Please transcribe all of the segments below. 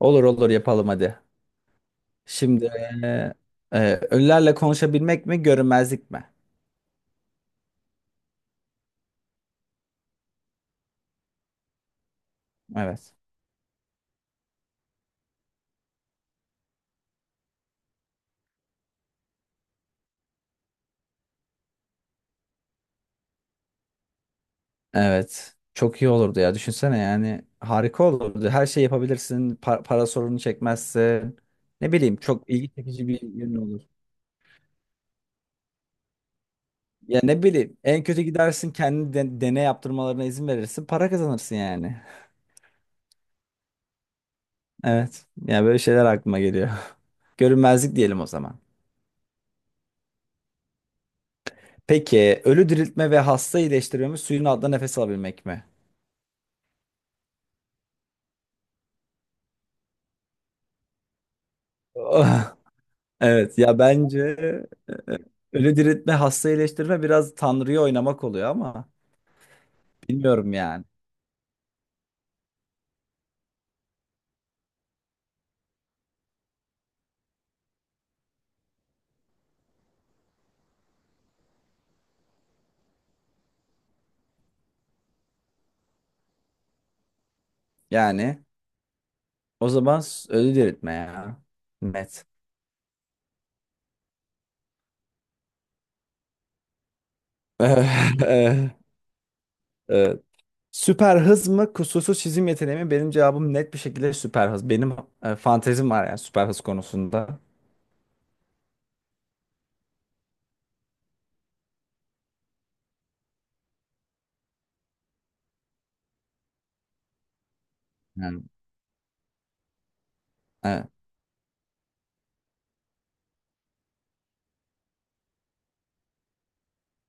Olur olur yapalım hadi. Şimdi eee, ölülerle konuşabilmek mi görünmezlik mi? Evet. Evet. Çok iyi olurdu ya. Düşünsene yani harika olurdu. Her şey yapabilirsin. Para sorunu çekmezsin. Ne bileyim çok ilgi çekici bir yön olur. Ya ne bileyim en kötü gidersin kendini deney yaptırmalarına izin verirsin. Para kazanırsın yani. Evet. Yani böyle şeyler aklıma geliyor. Görünmezlik diyelim o zaman. Peki ölü diriltme ve hasta iyileştirme mi suyun altında nefes alabilmek mi? Evet ya bence e, ölü diriltme, hasta iyileştirme biraz Tanrı'yı oynamak oluyor ama bilmiyorum yani. Yani o zaman ölü diriltme ya. Net. Evet. Süper hız mı kusursuz çizim yeteneği mi? Benim cevabım net bir şekilde süper hız. Benim fantezim var yani süper hız konusunda. Yani, evet.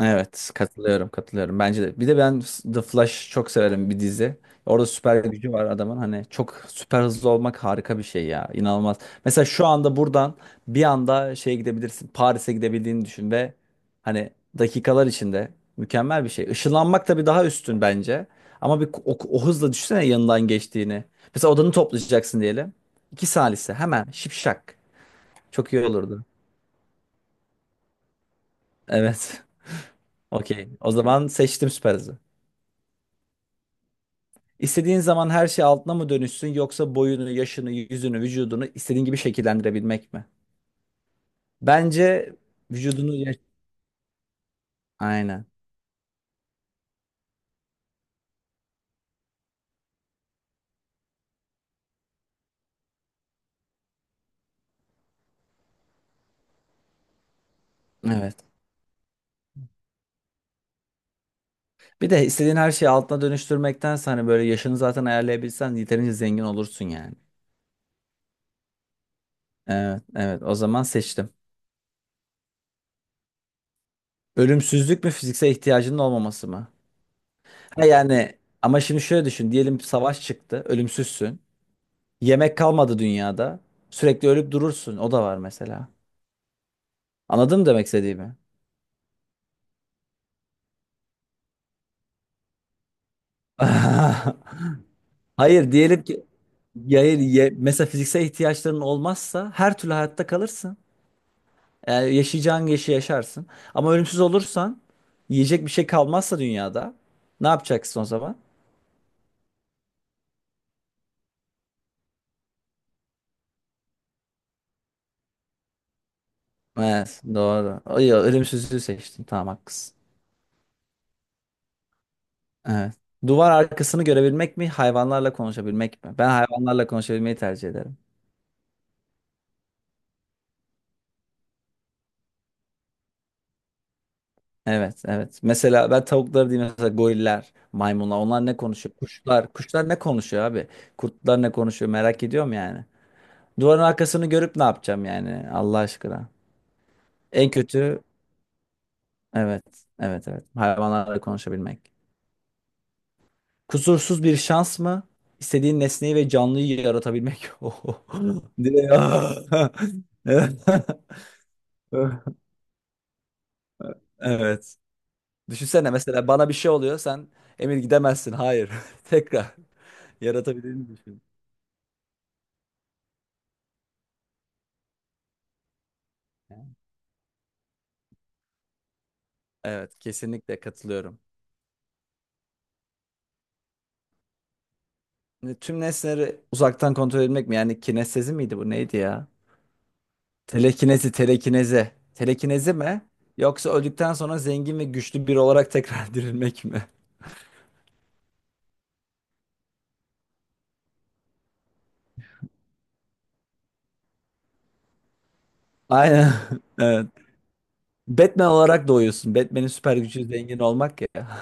Evet, katılıyorum, katılıyorum. Bence de. Bir de ben The Flash çok severim bir dizi. Orada süper gücü var adamın. Hani çok süper hızlı olmak harika bir şey ya. İnanılmaz. Mesela şu anda buradan bir anda şeye gidebilirsin. Paris'e gidebildiğini düşün ve hani dakikalar içinde mükemmel bir şey. Işınlanmak tabii daha üstün bence. Ama bir o hızla düşünsene yanından geçtiğini. Mesela odanı toplayacaksın diyelim. İki salise hemen şipşak. Çok iyi olurdu. Evet. Okey. O zaman seçtim süper hızı. İstediğin zaman her şey altına mı dönüşsün yoksa boyunu, yaşını, yüzünü, vücudunu istediğin gibi şekillendirebilmek mi? Bence vücudunu... Aynen. Evet. Bir de istediğin her şeyi altına dönüştürmektense hani böyle yaşını zaten ayarlayabilsen yeterince zengin olursun yani. Evet, evet. O zaman seçtim. Ölümsüzlük mü fiziksel ihtiyacının olmaması mı? Ha yani ama şimdi şöyle düşün. Diyelim savaş çıktı. Ölümsüzsün. Yemek kalmadı dünyada. Sürekli ölüp durursun. O da var mesela. Anladın mı demek istediğimi? Hayır diyelim ki ya hayır, mesela fiziksel ihtiyaçların olmazsa her türlü hayatta kalırsın. Yani yaşayacağın yaşı yaşarsın. Ama ölümsüz olursan yiyecek bir şey kalmazsa dünyada ne yapacaksın o zaman? Evet doğru. Ay, ölümsüzlüğü seçtim tamam haklısın. Evet. Duvar arkasını görebilmek mi hayvanlarla konuşabilmek mi? Ben hayvanlarla konuşabilmeyi tercih ederim. Evet evet. Mesela ben tavukları değil mesela goriller, maymunlar onlar ne konuşuyor? Kuşlar ne konuşuyor abi? Kurtlar ne konuşuyor merak ediyorum yani. Duvarın arkasını görüp ne yapacağım yani Allah aşkına. En kötü evet evet evet hayvanlarla konuşabilmek. Kusursuz bir şans mı? İstediğin nesneyi ve canlıyı yaratabilmek. Oho. Direkt ah! Evet. Düşünsene mesela bana bir şey oluyor sen Emir gidemezsin. Hayır. Tekrar yaratabildiğini düşün. Evet kesinlikle katılıyorum. Şimdi tüm nesneleri uzaktan kontrol etmek mi? Yani kinestezi miydi bu neydi ya? Telekinezi. Telekinezi mi? Yoksa öldükten sonra zengin ve güçlü biri olarak tekrar dirilmek mi? Aynen. Evet. Batman olarak doğuyorsun. Batman'in süper gücü zengin olmak ya.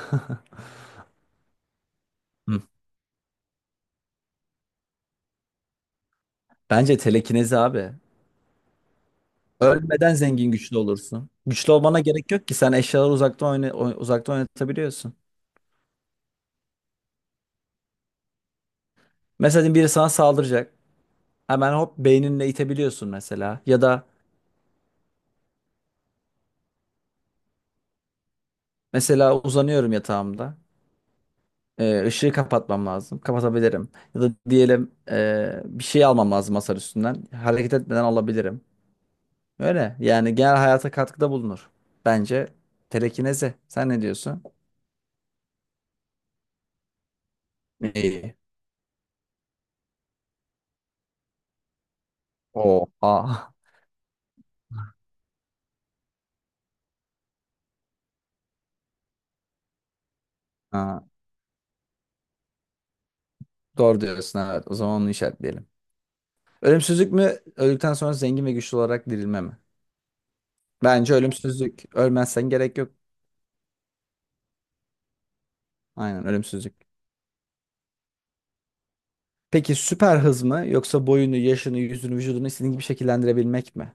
Hı. Bence telekinezi abi. Ölmeden zengin güçlü olursun. Güçlü olmana gerek yok ki. Sen eşyaları uzaktan uzaktan oynatabiliyorsun. Mesela diyelim biri sana saldıracak. Hemen hop beyninle itebiliyorsun mesela. Ya da mesela uzanıyorum yatağımda. Işığı kapatmam lazım. Kapatabilirim. Ya da diyelim bir şey almam lazım masar üstünden. Hareket etmeden alabilirim. Öyle. Yani genel hayata katkıda bulunur. Bence telekinezi. Sen ne diyorsun? İyi. Oha. Ha, doğru diyorsun evet. O zaman onu işaretleyelim. Ölümsüzlük mü? Öldükten sonra zengin ve güçlü olarak dirilme mi? Bence ölümsüzlük. Ölmezsen gerek yok. Aynen ölümsüzlük. Peki süper hız mı yoksa boyunu, yaşını, yüzünü, vücudunu istediğin gibi şekillendirebilmek mi?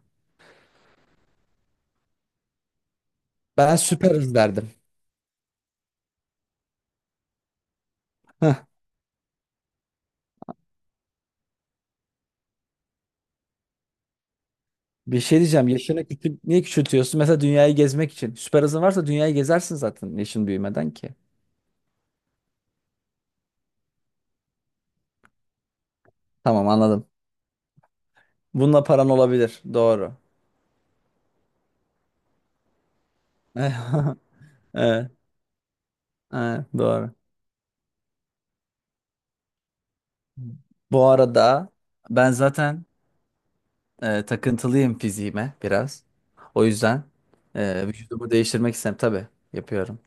Ben süper hız derdim. Bir şey diyeceğim. Yaşını küçül niye küçültüyorsun? Mesela dünyayı gezmek için. Süper hızın varsa dünyayı gezersin zaten yaşın büyümeden ki. Tamam anladım. Bununla paran olabilir. Doğru. Evet, evet, doğru. Bu arada ben zaten takıntılıyım fiziğime biraz. O yüzden vücudumu değiştirmek istem tabii yapıyorum.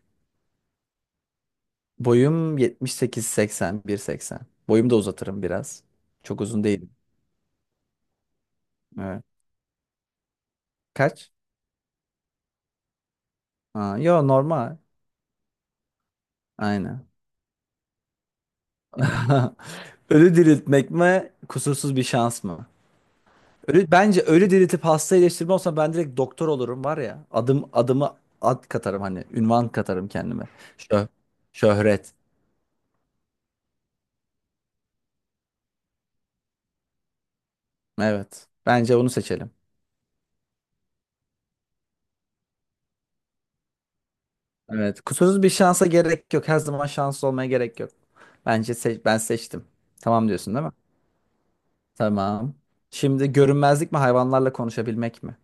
Boyum 78-80, 1.80. Boyumu da uzatırım biraz. Çok uzun değilim. Evet. Kaç? Aa, yo normal. Aynen. Ölü diriltmek mi, kusursuz bir şans mı? Ölü, bence ölü diriltip hasta iyileştirme olsa ben direkt doktor olurum var ya. Adım adımı ad katarım hani ünvan katarım kendime. Şö şöhret. Evet. Bence onu seçelim. Evet. Kusursuz bir şansa gerek yok. Her zaman şanslı olmaya gerek yok. Bence seç ben seçtim. Tamam diyorsun değil mi? Tamam. Şimdi görünmezlik mi hayvanlarla konuşabilmek mi?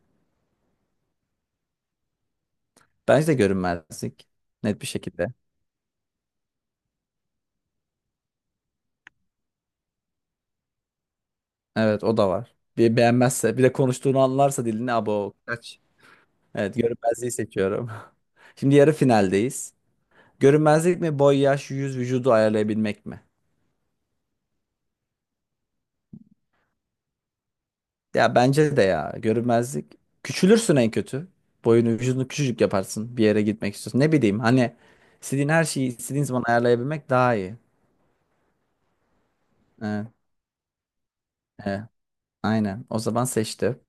Bence de görünmezlik. Net bir şekilde. Evet o da var. Bir beğenmezse bir de konuştuğunu anlarsa dilini abo. Kaç. Evet görünmezliği seçiyorum. Şimdi yarı finaldeyiz. Görünmezlik mi boy yaş yüz vücudu ayarlayabilmek mi? Ya bence de ya görünmezlik. Küçülürsün en kötü. Boyunu vücudunu küçücük yaparsın bir yere gitmek istiyorsun. Ne bileyim hani istediğin her şeyi istediğin zaman ayarlayabilmek daha iyi. Evet, evet, aynen o zaman seçti.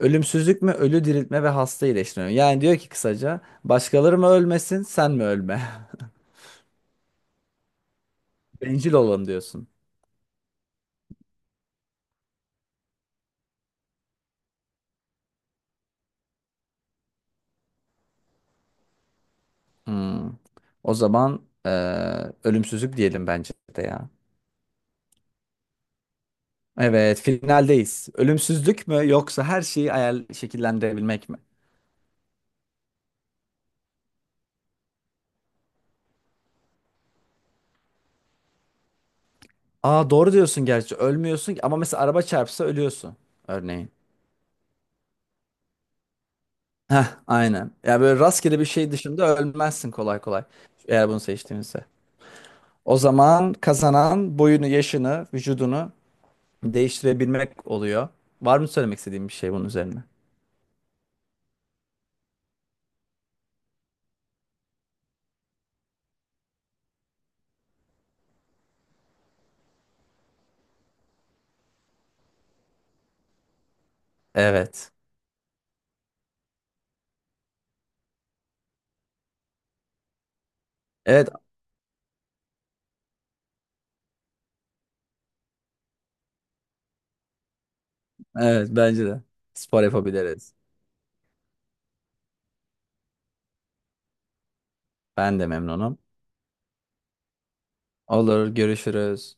Ölümsüzlük mü ölü diriltme ve hasta iyileştirme mi? Yani diyor ki kısaca başkaları mı ölmesin sen mi ölme? Bencil olalım diyorsun. Hmm. O zaman ölümsüzlük diyelim bence de ya. Evet, finaldeyiz. Ölümsüzlük mü yoksa her şeyi ayar şekillendirebilmek mi? Aa doğru diyorsun gerçi. Ölmüyorsun ki- ama mesela araba çarpsa ölüyorsun örneğin. Heh, aynen. Ya böyle rastgele bir şey dışında ölmezsin kolay kolay. Eğer bunu seçtiğimizde. O zaman kazanan boyunu, yaşını, vücudunu değiştirebilmek oluyor. Var mı söylemek istediğin bir şey bunun üzerine? Evet. Evet. Evet bence de. Spor yapabiliriz. Ben de memnunum. Olur, görüşürüz.